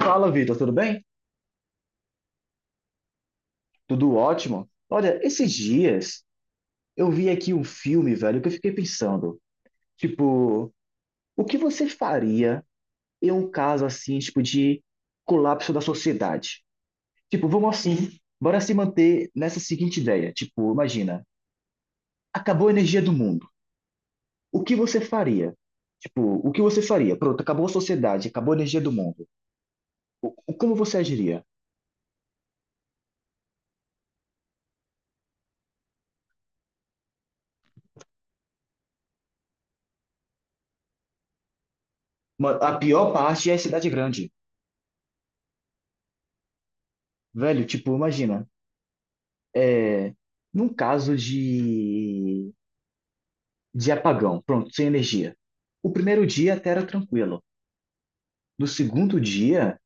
Fala, Vitor, tudo bem? Tudo ótimo. Olha, esses dias eu vi aqui um filme, velho, que eu fiquei pensando, tipo, o que você faria em um caso assim, tipo, de colapso da sociedade? Tipo, vamos assim, Uhum. Bora se manter nessa seguinte ideia, tipo, imagina, acabou a energia do mundo. O que você faria? Tipo, o que você faria? Pronto, acabou a sociedade, acabou a energia do mundo. Como você agiria? A pior parte é a cidade grande. Velho, tipo, imagina. é, Num caso de apagão, pronto, sem energia. O primeiro dia até era tranquilo. No segundo dia,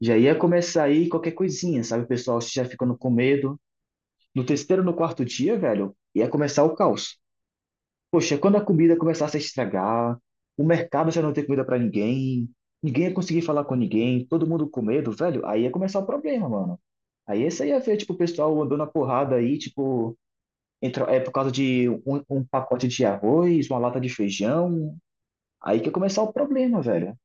já ia começar aí qualquer coisinha, sabe? O pessoal já ficando com medo. No terceiro, no quarto dia, velho, ia começar o caos. Poxa, quando a comida começasse a estragar, o mercado já não ter comida para ninguém, ninguém ia conseguir falar com ninguém, todo mundo com medo, velho, aí ia começar o problema, mano. Aí esse aí ia ver, tipo, o pessoal andando na porrada aí, tipo, entrou, é por causa de um, um pacote de arroz, uma lata de feijão. Aí que começar o problema, velho.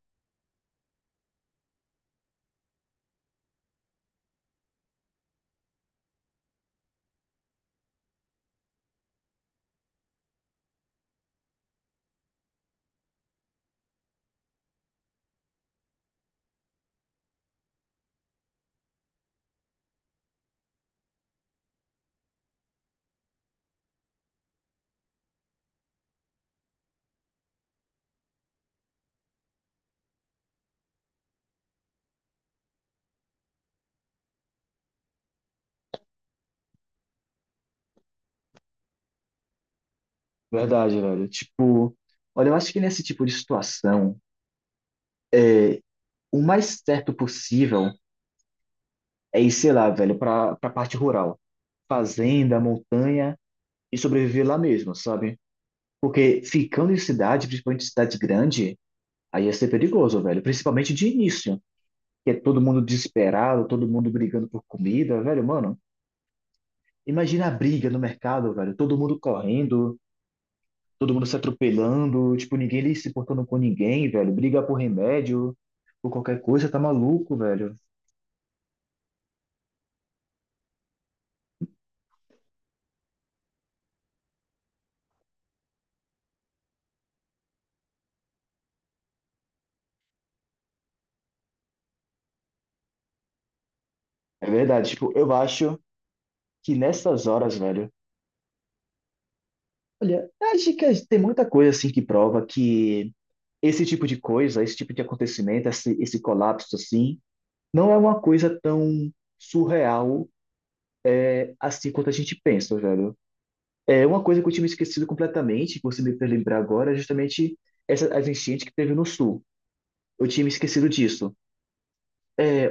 Verdade, velho. Tipo, olha, eu acho que nesse tipo de situação, o mais certo possível é ir, sei lá, velho, pra parte rural. Fazenda, montanha e sobreviver lá mesmo, sabe? Porque ficando em cidade, principalmente cidade grande, aí ia ser perigoso, velho. Principalmente de início, que é todo mundo desesperado, todo mundo brigando por comida, velho, mano. Imagina a briga no mercado, velho. Todo mundo correndo, todo mundo se atropelando, tipo, ninguém ali se portando com ninguém, velho. Briga por remédio, por qualquer coisa, tá maluco, velho. É verdade, tipo, eu acho que nessas horas, velho, olha, acho que tem muita coisa assim que prova que esse tipo de coisa, esse tipo de acontecimento, esse colapso assim, não é uma coisa tão surreal assim quanto a gente pensa, velho. É uma coisa que eu tinha me esquecido completamente, que você me fez lembrar agora, é justamente essa, as enchentes que teve no sul. Eu tinha me esquecido disso.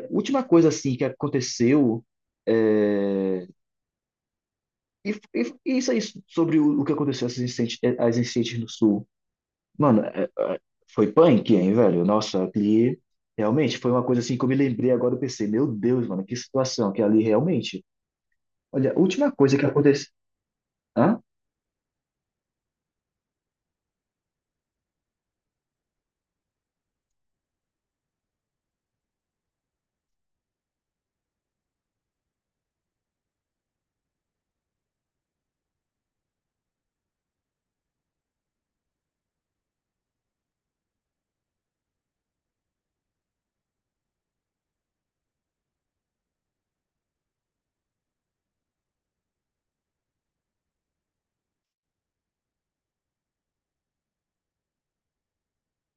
Última coisa assim que aconteceu é, e isso aí sobre o que aconteceu às incêndios no sul. Mano, foi punk, hein, velho? Nossa, ali realmente foi uma coisa assim que eu me lembrei agora, eu pensei, meu Deus, mano, que situação que ali realmente. Olha, a última coisa que aconteceu. Hã?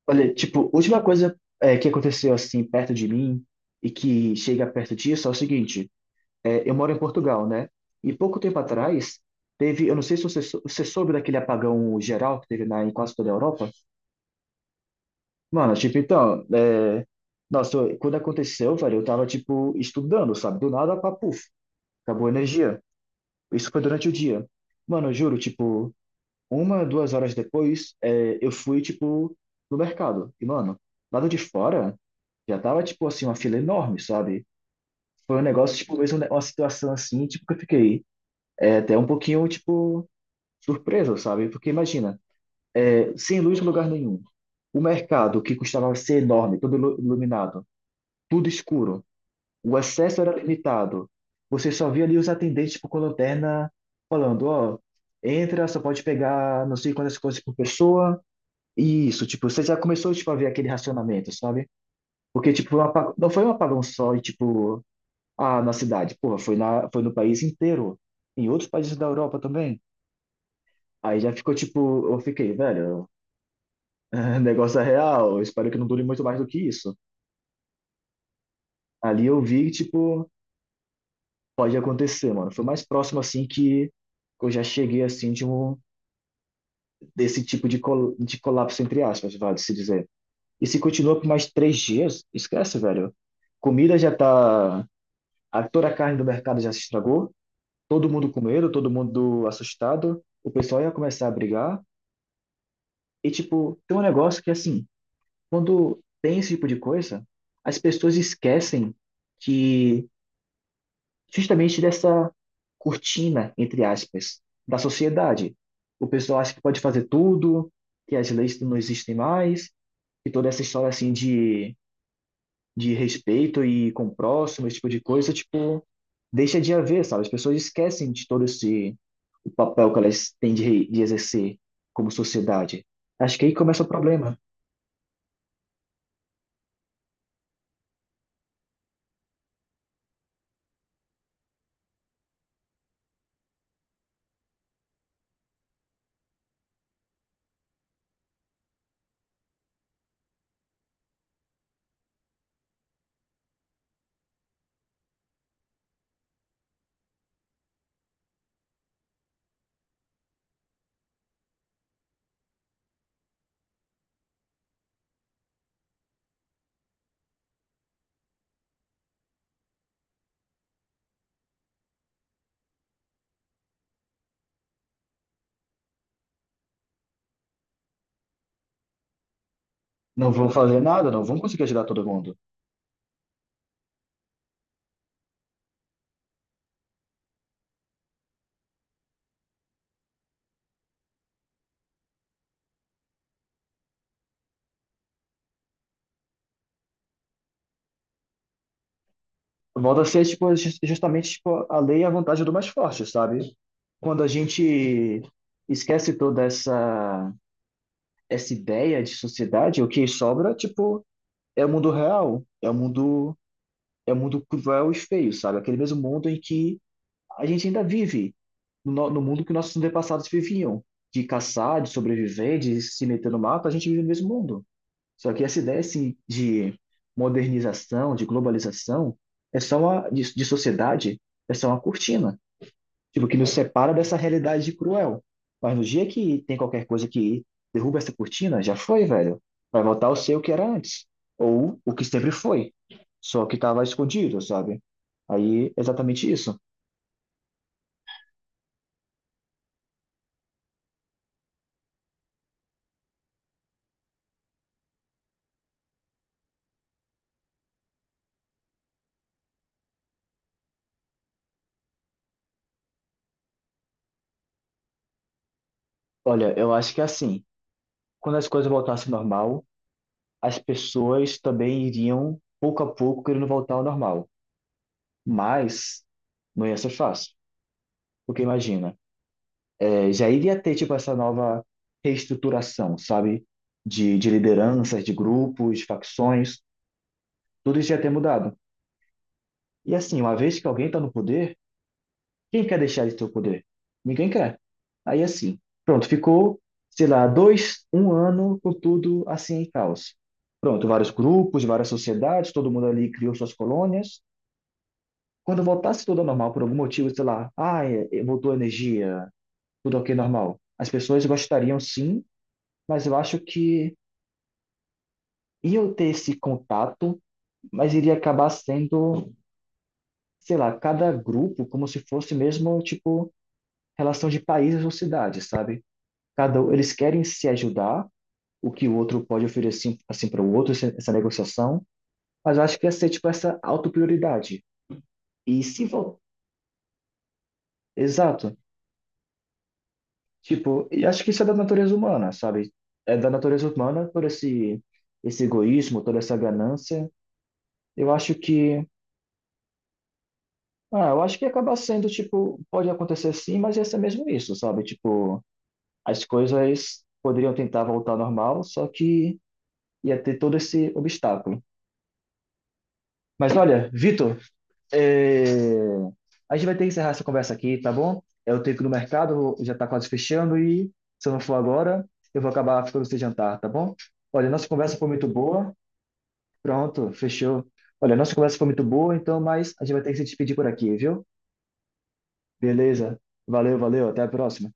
Olha, tipo, última coisa que aconteceu assim perto de mim e que chega perto disso é o seguinte. É, eu moro em Portugal, né? E pouco tempo atrás, teve. Eu não sei se você, você soube daquele apagão geral que teve na, em quase toda a Europa. Mano, tipo, então. Nossa, quando aconteceu, velho, eu tava, tipo, estudando, sabe? Do nada, pá, puf, acabou a energia. Isso foi durante o dia. Mano, eu juro, tipo, uma, duas horas depois, eu fui, tipo, no mercado. E, mano, lado de fora, já tava, tipo, assim, uma fila enorme, sabe? Foi um negócio, tipo, mesmo né, uma situação assim, tipo, que eu fiquei. É até um pouquinho, tipo, surpresa, sabe? Porque imagina, sem luz em lugar nenhum, o mercado que custava ser enorme, todo iluminado, tudo escuro, o acesso era limitado. Você só via ali os atendentes tipo, com lanterna falando, ó, entra, só pode pegar não sei quantas coisas por pessoa. E isso, tipo, você já começou tipo, a ver aquele racionamento, sabe? Porque, tipo, foi um não foi um apagão só e, tipo, ah, na cidade, porra, foi no país inteiro, em outros países da Europa também. Aí já ficou tipo, eu fiquei, velho, negócio é real. Eu espero que não dure muito mais do que isso. Ali eu vi, tipo, pode acontecer, mano. Foi o mais próximo, assim, que eu já cheguei, assim, desse tipo de, col de colapso, entre aspas, vale se dizer. E se continua por mais três dias, esquece, velho. Comida já tá. A, toda a carne do mercado já se estragou. Todo mundo com medo, todo mundo assustado. O pessoal ia começar a brigar. E, tipo, tem um negócio que, assim, quando tem esse tipo de coisa, as pessoas esquecem que justamente dessa cortina, entre aspas, da sociedade. O pessoal acha que pode fazer tudo, que as leis não existem mais, e toda essa história assim de respeito e com o próximo, esse tipo de coisa, tipo, deixa de haver, sabe? As pessoas esquecem de todo esse o papel que elas têm de exercer como sociedade. Acho que aí começa o problema. Não vão fazer nada, não vão conseguir ajudar todo mundo. Volta a ser, tipo, justamente, tipo, a lei é a vantagem do mais forte, sabe? Quando a gente esquece toda essa ideia de sociedade, o que sobra, tipo, é o mundo real, é o mundo cruel e feio, sabe? Aquele mesmo mundo em que a gente ainda vive, no mundo que nossos antepassados viviam, de caçar, de sobreviver, de se meter no mato, a gente vive no mesmo mundo. Só que essa ideia assim, de modernização, de globalização, é só uma, de sociedade, é só uma cortina, tipo, que nos separa dessa realidade cruel. Mas no dia que tem qualquer coisa que derruba essa cortina, já foi, velho. Vai voltar ao ser o que era antes, ou o que sempre foi, só que estava escondido, sabe? Aí, exatamente isso. Olha, eu acho que é assim, quando as coisas voltassem ao normal, as pessoas também iriam, pouco a pouco, querendo voltar ao normal. Mas não ia ser fácil. Porque imagina, é, já iria ter tipo essa nova reestruturação, sabe? De lideranças, de grupos, de facções, tudo isso ia ter mudado. E assim, uma vez que alguém está no poder, quem quer deixar de ter o poder? Ninguém quer. Aí assim, pronto, ficou, sei lá, dois, um ano com tudo assim em caos. Pronto, vários grupos, várias sociedades, todo mundo ali criou suas colônias. Quando voltasse tudo ao normal por algum motivo, sei lá, ah, voltou a energia, tudo ok, normal. As pessoas gostariam sim, mas eu acho que iam ter esse contato, mas iria acabar sendo, sei lá, cada grupo como se fosse mesmo, tipo, relação de países ou cidades, sabe? Eles querem se ajudar, o que o outro pode oferecer assim para o outro, essa negociação, mas eu acho que ia ser, tipo, essa autoprioridade. E se vol- Exato. Tipo, e acho que isso é da natureza humana, sabe? É da natureza humana por esse egoísmo, toda essa ganância. Eu acho que. Ah, eu acho que acaba sendo, tipo, pode acontecer sim, mas ia ser mesmo isso, sabe? Tipo, as coisas poderiam tentar voltar ao normal, só que ia ter todo esse obstáculo. Mas olha, Vitor, eh, a gente vai ter que encerrar essa conversa aqui, tá bom? Eu tenho que ir no mercado, já tá quase fechando, e se eu não for agora, eu vou acabar ficando sem jantar, tá bom? Olha, nossa conversa foi muito boa. Pronto, fechou. Olha, nossa conversa foi muito boa, então, mas a gente vai ter que se despedir por aqui, viu? Beleza. Valeu, valeu. Até a próxima.